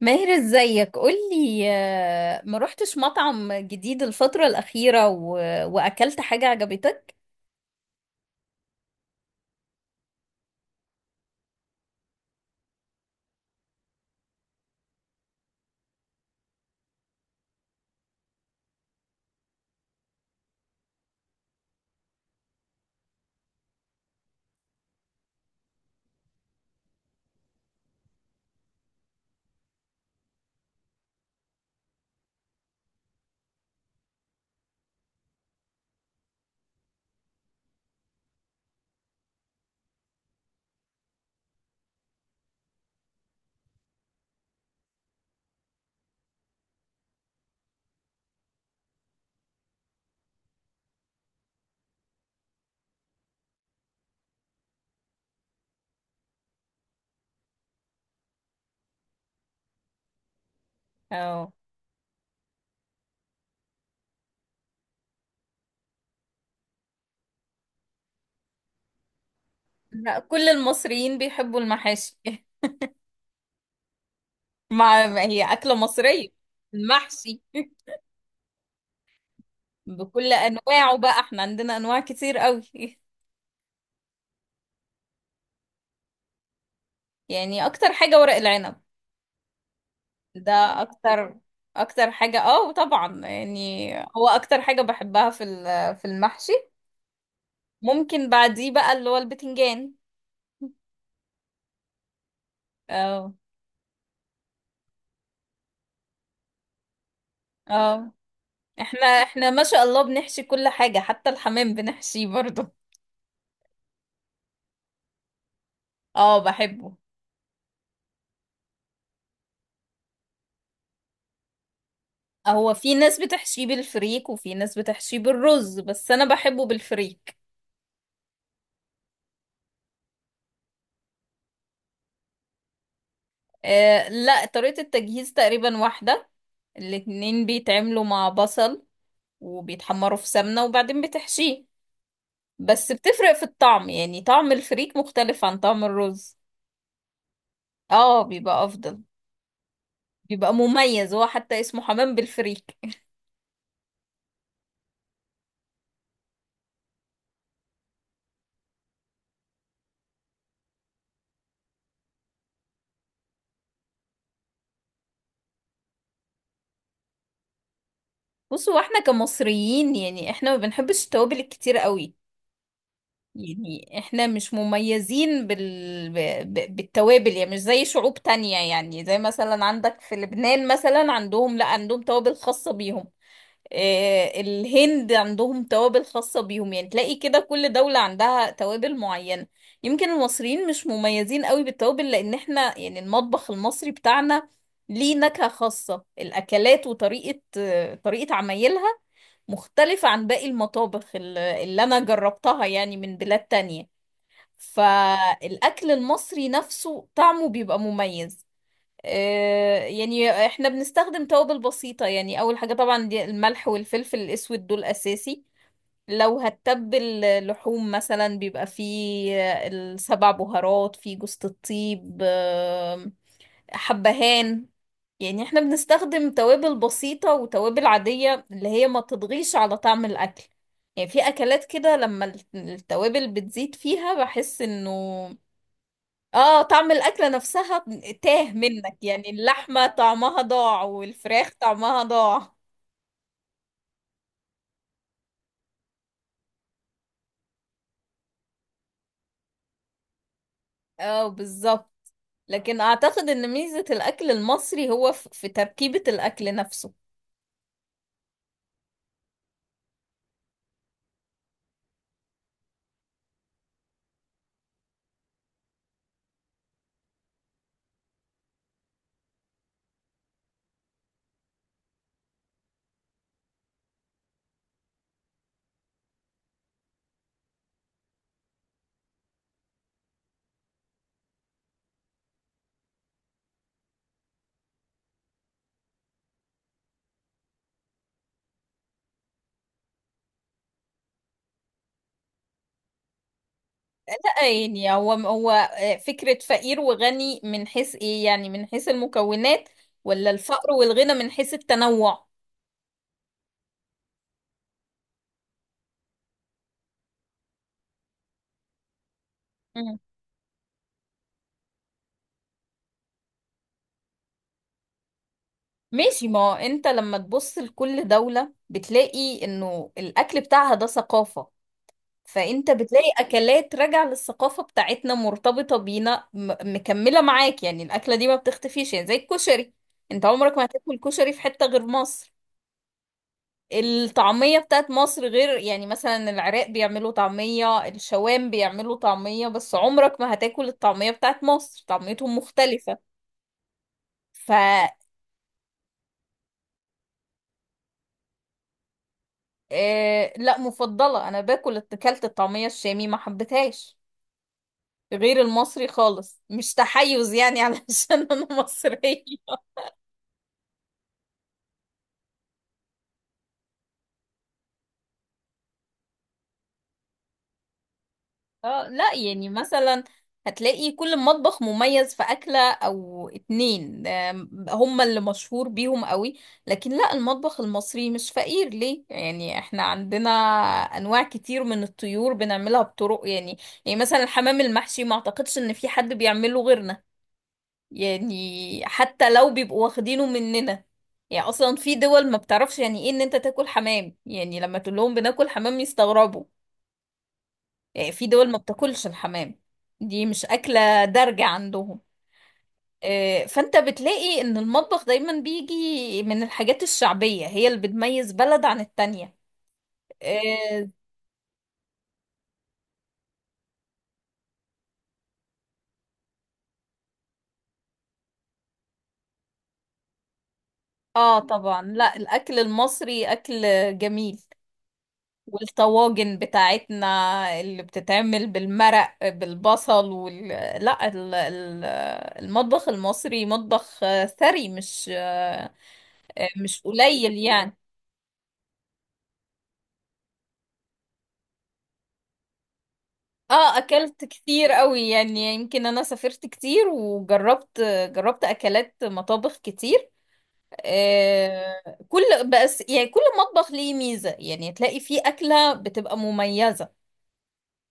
ماهر، ازيك؟ قولي، ما روحتش مطعم جديد الفترة الأخيرة وأكلت حاجة عجبتك؟ اه. لا، كل المصريين بيحبوا المحاشي مع ما هي أكلة مصرية. المحشي بكل أنواعه بقى، احنا عندنا أنواع كتير قوي يعني أكتر حاجة ورق العنب، ده أكتر أكتر حاجة، اه طبعا، يعني هو أكتر حاجة بحبها في المحشي. ممكن بعديه بقى اللي هو البتنجان. اه، اه. احنا ما شاء الله بنحشي كل حاجة، حتى الحمام بنحشيه برضه. اه، بحبه. هو في ناس بتحشيه بالفريك وفي ناس بتحشيه بالرز، بس انا بحبه بالفريك. آه لا، طريقة التجهيز تقريبا واحدة. الاتنين بيتعملوا مع بصل وبيتحمروا في سمنة وبعدين بتحشيه، بس بتفرق في الطعم، يعني طعم الفريك مختلف عن طعم الرز. اه، بيبقى افضل، بيبقى مميز، هو حتى اسمه حمام بالفريك. بصوا، واحنا كمصريين يعني احنا ما بنحبش التوابل الكتير قوي. يعني احنا مش مميزين بالتوابل، يعني مش زي شعوب تانية، يعني زي مثلا عندك في لبنان، مثلا عندهم، لا عندهم توابل خاصة بيهم. الهند عندهم توابل خاصة بيهم، يعني تلاقي كده كل دولة عندها توابل معينة. يمكن المصريين مش مميزين قوي بالتوابل، لأن احنا يعني المطبخ المصري بتاعنا ليه نكهة خاصة، الأكلات وطريقة، طريقة عمايلها مختلفة عن باقي المطابخ اللي أنا جربتها، يعني من بلاد تانية. فالأكل المصري نفسه طعمه بيبقى مميز. يعني احنا بنستخدم توابل بسيطة، يعني اول حاجة طبعا دي الملح والفلفل الاسود، دول اساسي. لو هتتبل لحوم مثلا بيبقى فيه السبع بهارات، فيه جوز الطيب، حبهان. يعني احنا بنستخدم توابل بسيطة وتوابل عادية اللي هي ما تضغيش على طعم الاكل. يعني في اكلات كده لما التوابل بتزيد فيها بحس انه، اه، طعم الأكلة نفسها تاه منك، يعني اللحمة طعمها ضاع والفراخ طعمها ضاع. اه، بالظبط. لكن اعتقد ان ميزة الاكل المصري هو في تركيبة الاكل نفسه. لا يعني هو فكرة فقير وغني من حيث ايه، يعني من حيث المكونات، ولا الفقر والغنى من حيث التنوع؟ مم. ماشي، ما هو انت لما تبص لكل دولة بتلاقي انه الاكل بتاعها ده ثقافة. فانت بتلاقي اكلات راجعه للثقافه بتاعتنا، مرتبطه بينا، مكمله معاك، يعني الاكله دي ما بتختفيش، يعني زي الكشري. انت عمرك ما هتاكل كشري في حته غير مصر. الطعميه بتاعت مصر غير، يعني مثلا العراق بيعملوا طعميه، الشوام بيعملوا طعميه، بس عمرك ما هتاكل الطعميه بتاعت مصر، طعميتهم مختلفه. ف آه، لا، مفضله. انا اكلت الطعميه الشامي، ما حبيتهاش غير المصري خالص، مش تحيز يعني علشان انا مصرية. اه لا، يعني مثلا هتلاقي كل مطبخ مميز في أكلة أو اتنين، هم اللي مشهور بيهم قوي. لكن لا، المطبخ المصري مش فقير، ليه؟ يعني احنا عندنا أنواع كتير من الطيور بنعملها بطرق، يعني يعني مثلا الحمام المحشي ما أعتقدش إن في حد بيعمله غيرنا، يعني حتى لو بيبقوا واخدينه مننا. يعني أصلا في دول ما بتعرفش يعني إيه إن أنت تاكل حمام، يعني لما تقول لهم بناكل حمام يستغربوا. في دول ما بتاكلش الحمام، دي مش أكلة دارجة عندهم. فأنت بتلاقي إن المطبخ دايما بيجي من الحاجات الشعبية، هي اللي بتميز بلد عن التانية. اه، طبعا، لا، الأكل المصري أكل جميل. والطواجن بتاعتنا اللي بتتعمل بالمرق بالبصل لا، المطبخ المصري مطبخ ثري، مش قليل يعني. اه، اكلت كتير قوي، يعني يمكن انا سافرت كتير وجربت، جربت اكلات مطابخ كتير. آه كل بس يعني كل مطبخ ليه ميزة، يعني تلاقي فيه اكلة بتبقى مميزة.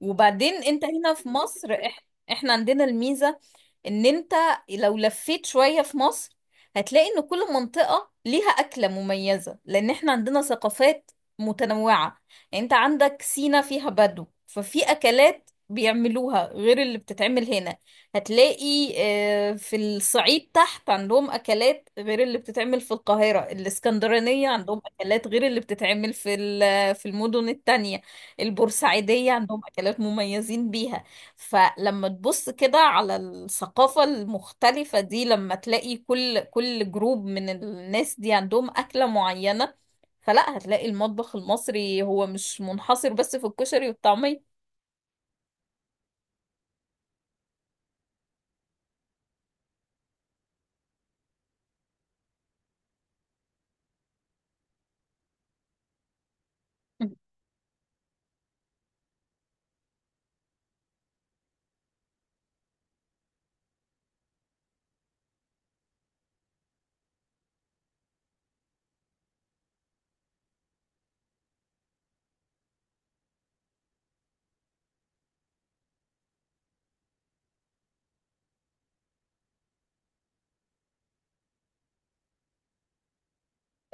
وبعدين انت هنا في مصر، احنا عندنا الميزة ان انت لو لفيت شوية في مصر هتلاقي ان كل منطقة ليها أكلة مميزة، لان احنا عندنا ثقافات متنوعة. يعني انت عندك سينا فيها بدو، ففي أكلات بيعملوها غير اللي بتتعمل هنا. هتلاقي في الصعيد تحت عندهم أكلات غير اللي بتتعمل في القاهرة، الإسكندرانية عندهم أكلات غير اللي بتتعمل في المدن التانية. البورسعيدية عندهم أكلات مميزين بيها. فلما تبص كده على الثقافة المختلفة دي، لما تلاقي كل جروب من الناس دي عندهم أكلة معينة، فلا هتلاقي المطبخ المصري هو مش منحصر بس في الكشري والطعمية.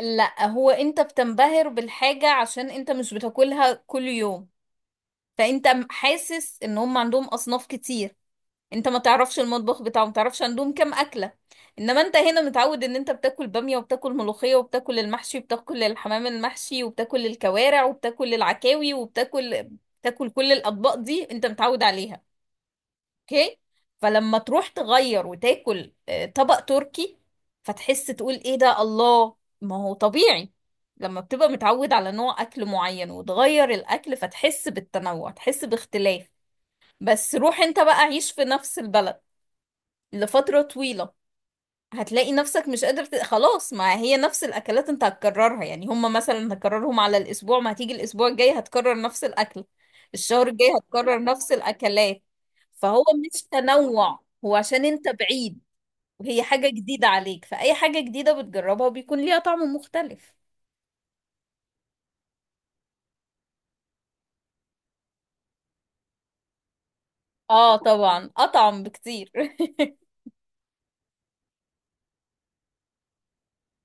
لا، هو انت بتنبهر بالحاجة عشان انت مش بتاكلها كل يوم، فانت حاسس ان هم عندهم أصناف كتير. انت ما تعرفش المطبخ بتاعه، ما تعرفش عندهم كام اكله. انما انت هنا متعود ان انت بتاكل باميه وبتاكل ملوخيه وبتاكل المحشي وبتاكل الحمام المحشي وبتاكل الكوارع وبتاكل العكاوي بتاكل كل الاطباق دي انت متعود عليها. اوكي، فلما تروح تغير وتاكل، طبق تركي، فتحس تقول ايه ده، الله، ما هو طبيعي. لما بتبقى متعود على نوع اكل معين وتغير الاكل فتحس بالتنوع، تحس باختلاف. بس روح انت بقى عيش في نفس البلد لفترة طويلة، هتلاقي نفسك مش قادر خلاص، ما هي نفس الأكلات انت هتكررها، يعني هما مثلا هكررهم على الأسبوع، ما هتيجي الأسبوع الجاي هتكرر نفس الأكل، الشهر الجاي هتكرر نفس الأكلات. فهو مش تنوع، هو عشان انت بعيد وهي حاجة جديدة عليك، فأي حاجة جديدة بتجربها بيكون ليها طعم مختلف. اه طبعا، أطعم بكتير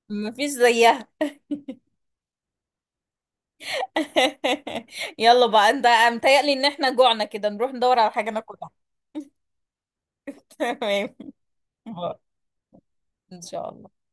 مفيش زيها يلا بقى انت، متهيألي ان احنا جوعنا كده، نروح ندور على حاجة ناكلها تمام. إن شاء الله.